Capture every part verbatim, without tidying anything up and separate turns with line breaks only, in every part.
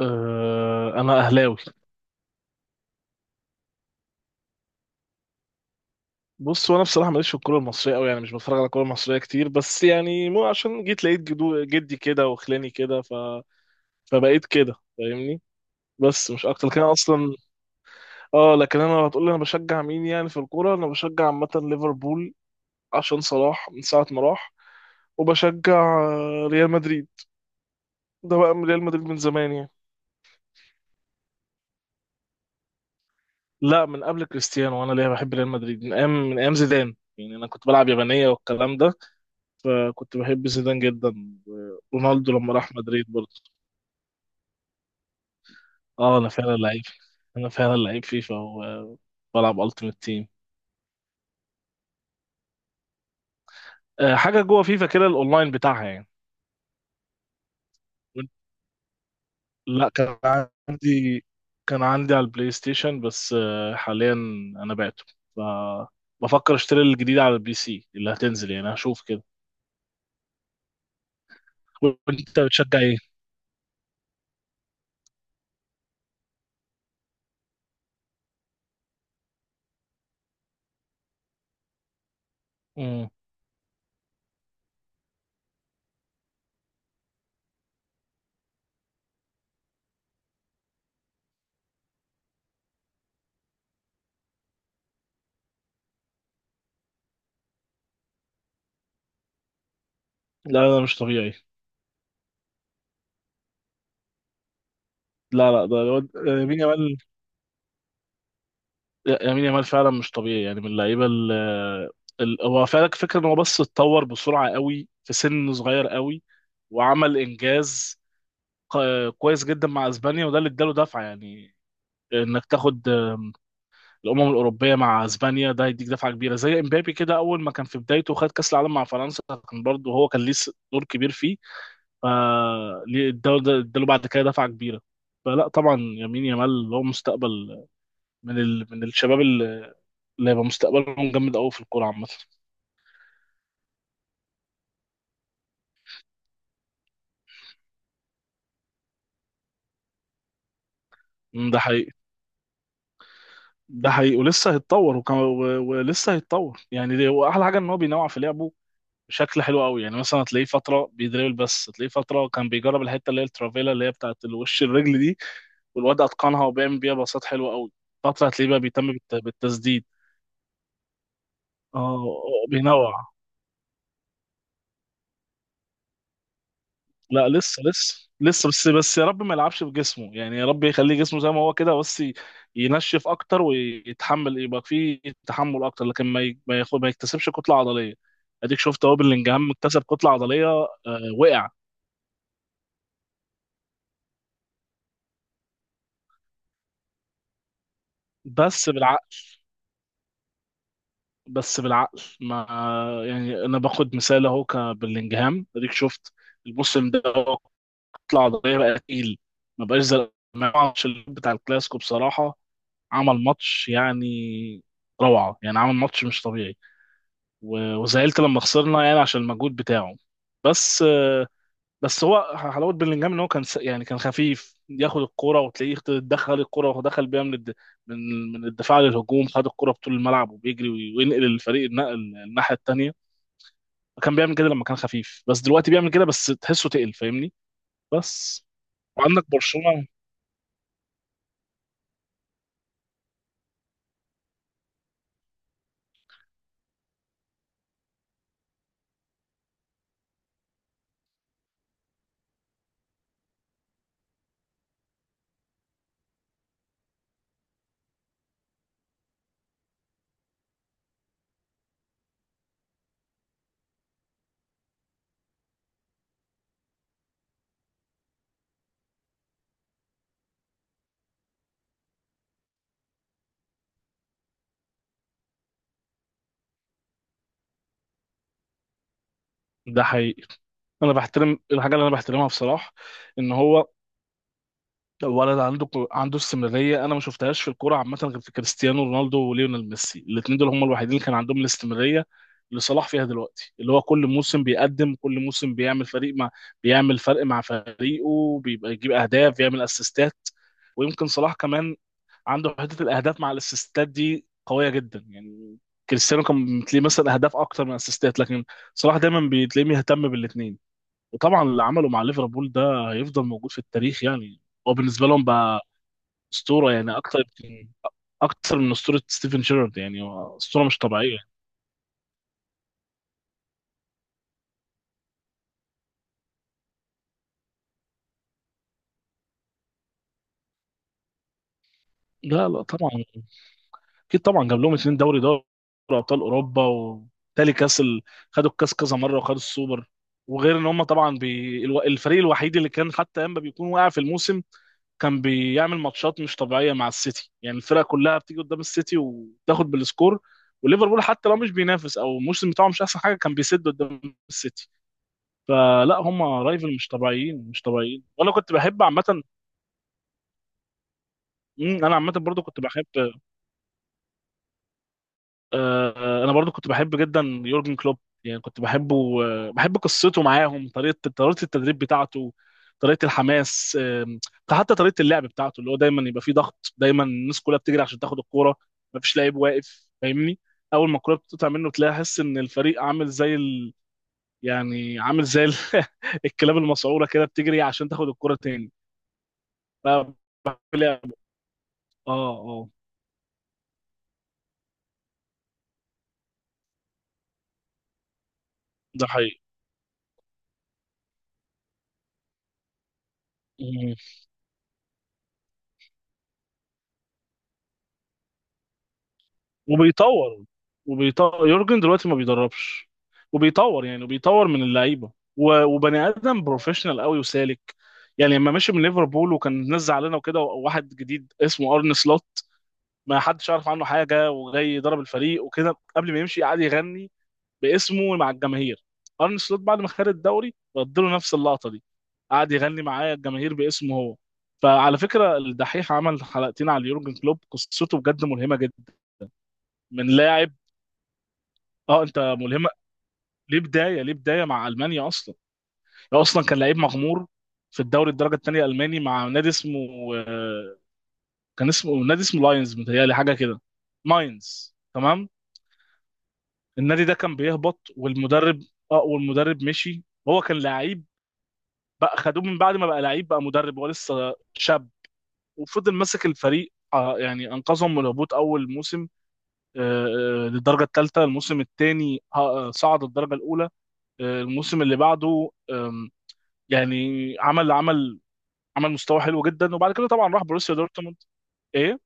أه، انا اهلاوي. بص وانا بصراحه ماليش في الكوره المصريه قوي، يعني مش بتفرج على الكوره المصريه كتير، بس يعني مو عشان جيت لقيت جدو جدي كده وخلاني كده ف... فبقيت كده فاهمني. بس مش اكتر كده اصلا. اه، لكن انا لو هتقول لي انا بشجع مين يعني في الكوره، انا بشجع عامه ليفربول عشان صلاح من ساعه ما راح. وبشجع آه، ريال مدريد. ده بقى من ريال مدريد من زمان يعني. لا، من قبل كريستيانو. وانا ليه بحب ريال مدريد من ايام من ايام زيدان يعني. انا كنت بلعب يابانيه والكلام ده، فكنت بحب زيدان جدا. رونالدو لما راح مدريد برضه. اه انا فعلا لعيب. انا فعلا لعيب فيفا وبلعب التيمت تيم. آه، حاجه جوه فيفا كده، الاونلاين بتاعها يعني. لا كان عندي، كان عندي على البلاي ستيشن بس. آه، حاليا انا بعته، فبفكر اشتري الجديد على البي سي اللي هتنزل يعني، هشوف كده. وانت بتشجع ايه؟ مم. لا لا مش طبيعي. لا لا ده الواد- آه، يمين يامال. لا، يمين يامال فعلا مش طبيعي يعني، من اللعيبه ال ال- هو فعلا فكره ان هو بس اتطور بسرعه قوي في سن صغير قوي، وعمل انجاز ق- كويس جدا مع اسبانيا، وده اللي اداله دفعه يعني. انك تاخد آم، الامم الاوروبيه مع اسبانيا، ده هيديك دفعه كبيره. زي امبابي كده، اول ما كان في بدايته خد كاس العالم مع فرنسا. كان برضه هو كان ليه س- دور كبير فيه. فاداله اداله ده- اداله بعد كده دفعه كبيره. فلا طبعا يمين يامال هو مستقبل من ال... من الشباب اللي هيبقى مستقبلهم جامد قوي في الكوره عامه. مم، ده حقيقي. ده حقيقي ولسه هيتطور وكم... و... ولسه هيتطور يعني. دي... واحلى حاجه ان هو بينوع في لعبه بشكل حلو قوي. يعني مثلا هتلاقيه فتره بيدريبل، بس هتلاقيه فتره كان بيجرب الحته اللي هي الترافيلا، اللي هي بتاعت الوش الرجل دي. والواد اتقنها وبيعمل بيها باصات حلوه قوي. فتره هتلاقيه بقى بيهتم بالت... بالتسديد. اه، آه، بينوع. لا لسه لسه لسه بس بس يا رب ما يلعبش بجسمه، يعني يا رب يخليه جسمه زي ما هو كده، بس ي- ينشف اكتر ويتحمل، يبقى فيه تحمل اكتر. لكن ما ي- ما ياخد ما يكتسبش كتله عضليه. اديك شفت اهو بلينجهام اكتسب كتله عضليه. آه، وقع. بس بالعقل، بس بالعقل. ما يعني انا باخد مثال اهو كبلينجهام، اديك شفت الموسم ده، هو كتله عضليه بقى تقيل. ما بقاش زي ما بتاع الكلاسيكو، بصراحه عمل ماتش يعني روعة، يعني عمل ماتش مش طبيعي. و- وزعلت لما خسرنا يعني عشان المجهود بتاعه. بس آه، بس هو حلاوة بلينجهام ان هو كان س- يعني كان خفيف ياخد الكرة، وتلاقيه يخت- دخل الكرة ودخل بيها من الد... من من الدفاع للهجوم، خد الكرة بطول الملعب وبيجري وي- وينقل الفريق، النقل الناحية التانية. كان بيعمل كده لما كان خفيف، بس دلوقتي بيعمل كده بس تحسه تقل فاهمني. بس وعندك برشلونة. ده حقيقي. انا بحترم الحاجة اللي انا بحترمها بصراحة، ان هو ولد عنده عنده استمراريه. انا ما شفتهاش في الكوره عامه غير في كريستيانو رونالدو وليونيل ميسي. الاثنين دول هم الوحيدين اللي كان عندهم الاستمراريه اللي صلاح فيها دلوقتي، اللي هو كل موسم بيقدم، كل موسم بيعمل فريق مع بيعمل فرق مع فريقه، بيبقى يجيب اهداف، بيعمل اسيستات. ويمكن صلاح كمان عنده حته الاهداف مع الاسيستات دي قويه جدا يعني. كريستيانو كان بتلاقيه مثلا اهداف اكتر من اسيستات، لكن صلاح دايما بتلاقيه مهتم بالاثنين. وطبعا اللي عمله مع ليفربول ده هيفضل موجود في التاريخ يعني. هو بالنسبه لهم بقى اسطوره يعني، اكتر اكتر من اسطوره ستيفن شيرارد يعني. هو اسطوره مش طبيعيه. لا لا طبعا. اكيد طبعا جاب لهم اتنين دوري دوري ابطال اوروبا، وتالي كاس ال... خدوا الكاس كذا مره وخدوا السوبر. وغير ان هم طبعا بي... الو- الفريق الوحيد اللي كان حتى اما بيكون واقع في الموسم، كان بيعمل ماتشات مش طبيعيه مع السيتي. يعني الفرقه كلها بتيجي قدام السيتي وتاخد بالسكور، وليفربول حتى لو مش بينافس او الموسم بتاعه مش احسن حاجه، كان بيسد قدام السيتي. فلا هم رايفل مش طبيعيين، مش طبيعيين. وانا كنت بحب عامه. مم، انا عامه برضو كنت بحب، آه، انا برضو كنت بحب جدا يورجن كلوب. يعني كنت بحبه، آه، بحب قصته معاهم، طريقه طريقه التدريب بتاعته، طريقه الحماس. آم، حتى طريقه اللعب بتاعته، اللي هو دايما يبقى فيه ضغط، دايما الناس كلها بتجري عشان تاخد الكوره، مفيش لعيب واقف فاهمني. اول ما الكوره بتقطع منه تلاقي احس ان الفريق عامل زي ال... يعني عامل زي ال... الكلاب المسعوره كده بتجري عشان تاخد الكوره تاني. ف- لعب. اه اه، ده حقيقي. وبيطور، وبيطور. يورجن دلوقتي ما بيدربش. وبيطور يعني، وبيطور من اللعيبه. و- وبني ادم بروفيشنال قوي وسالك يعني. لما مشي من ليفربول وكان الناس زعلانه وكده، وواحد جديد اسمه ارن سلوت ما حدش عارف عنه حاجه وجاي يضرب الفريق وكده، قبل ما يمشي قعد يغني باسمه مع الجماهير. ارن سلوت بعد ما خد الدوري رد له نفس اللقطه دي، قعد يغني معاه الجماهير باسمه هو. فعلى فكره الدحيح عمل حلقتين على يورجن كلوب، قصته بجد ملهمه جدا، من لاعب. اه انت، ملهمه ليه بدايه، ليه بدايه مع المانيا اصلا. هو اصلا كان لعيب مغمور في الدوري الدرجه الثانيه الالماني مع نادي اسمه آه، كان اسمه، نادي اسمه لاينز، متهيألي حاجه كده. ماينز تمام. النادي ده كان بيهبط والمدرب، اه والمدرب مشي. هو كان لعيب، بقى خدوه من بعد ما بقى لعيب بقى مدرب، هو لسه شاب. وفضل ماسك الفريق، آه، يعني انقذهم من الهبوط اول موسم. آه، آه، للدرجه الثالثه. الموسم الثاني صعد الدرجه الاولى. آه، الموسم اللي بعده يعني عمل عمل عمل مستوى حلو جدا. وبعد كده طبعا راح بروسيا دورتموند. ايه،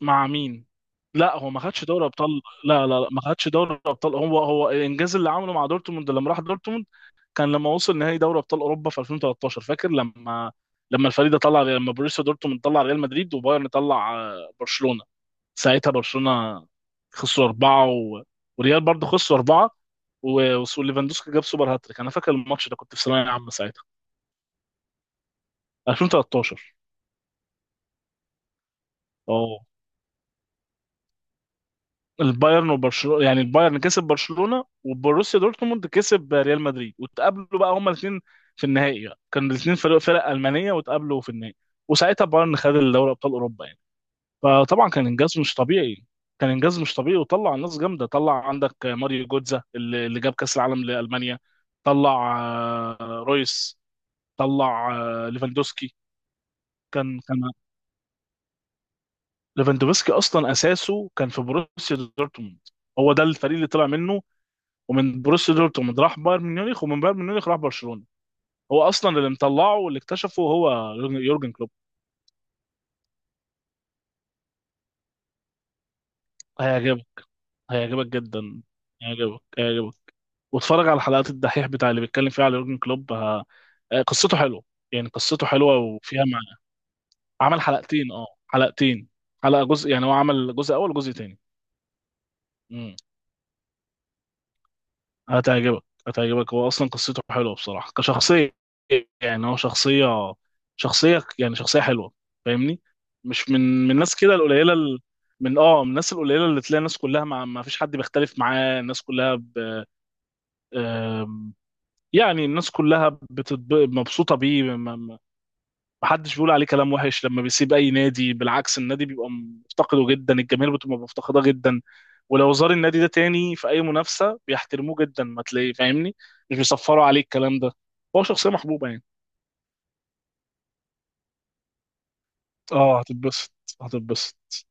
مع مين؟ لا هو ما خدش دوري ابطال، لا لا لا ما خدش دوري ابطال. هو، هو الانجاز اللي عمله مع دورتموند لما راح دورتموند كان لما وصل نهائي دوري ابطال اوروبا في ألفين وتلتاشر. فاكر لما، لما الفريق ده طلع، لما بروسيا دورتموند طلع ريال مدريد وبايرن طلع آه، برشلونة. ساعتها برشلونة خسروا أربعة و... وريال برضه خسروا أربعة و... وليفاندوسكي جاب سوبر هاتريك. أنا فاكر الماتش ده، كنت في ثانوية عامة ساعتها. ألفين وتلتاشر. اه، البايرن وبرشلونه. يعني البايرن كسب برشلونه وبروسيا دورتموند كسب ريال مدريد، واتقابلوا بقى هما الاثنين في النهائي بقى، كانوا الاثنين فرق فرق المانيه واتقابلوا في النهائي. وساعتها بايرن خد الدوري ابطال اوروبا يعني. فطبعا كان انجاز مش طبيعي. كان انجاز مش طبيعي، وطلع ناس جامده. طلع عندك ماريو جوتزا اللي اللي جاب كاس العالم لالمانيا. طلع آه، رويس، طلع آه، ليفاندوسكي. كان كان ليفاندوفسكي اصلا اساسه كان في بروسيا دورتموند. هو ده الفريق اللي طلع منه، ومن بروسيا دورتموند راح بايرن ميونخ، ومن بايرن ميونخ راح برشلونه. هو اصلا اللي مطلعه واللي اكتشفه هو يورجن كلوب. هيعجبك هيعجبك جدا، هيعجبك هيعجبك. واتفرج على حلقات الدحيح بتاع اللي بيتكلم فيها على يورجن كلوب. ه... آه، قصته حلوه يعني، قصته حلوه وفيها معنى. عمل حلقتين، اه حلقتين، حلقه جزء يعني، هو عمل جزء اول وجزء تاني. هتعجبك، هتعجبك. هو اصلا قصته حلوه بصراحه كشخصيه. يعني هو شخصيه، شخصيه يعني شخصيه حلوه فاهمني. مش من من الناس كده القليله ال- من، اه من الناس القليله اللي تلاقي الناس كلها مع، ما فيش حد بيختلف معاه، الناس كلها ب... آم، يعني الناس كلها بتتب... مبسوطه بيه. ما ما- ما حدش بيقول عليه كلام وحش. لما بيسيب اي نادي، بالعكس، النادي بيبقى مفتقده جدا، الجماهير بتبقى مفتقده جدا. ولو زار النادي ده تاني في اي منافسه بيحترموه جدا ما تلاقيه فاهمني، مش بيصفروا عليه الكلام ده. هو شخصيه محبوبه يعني. اه هتتبسط، هتتبسط.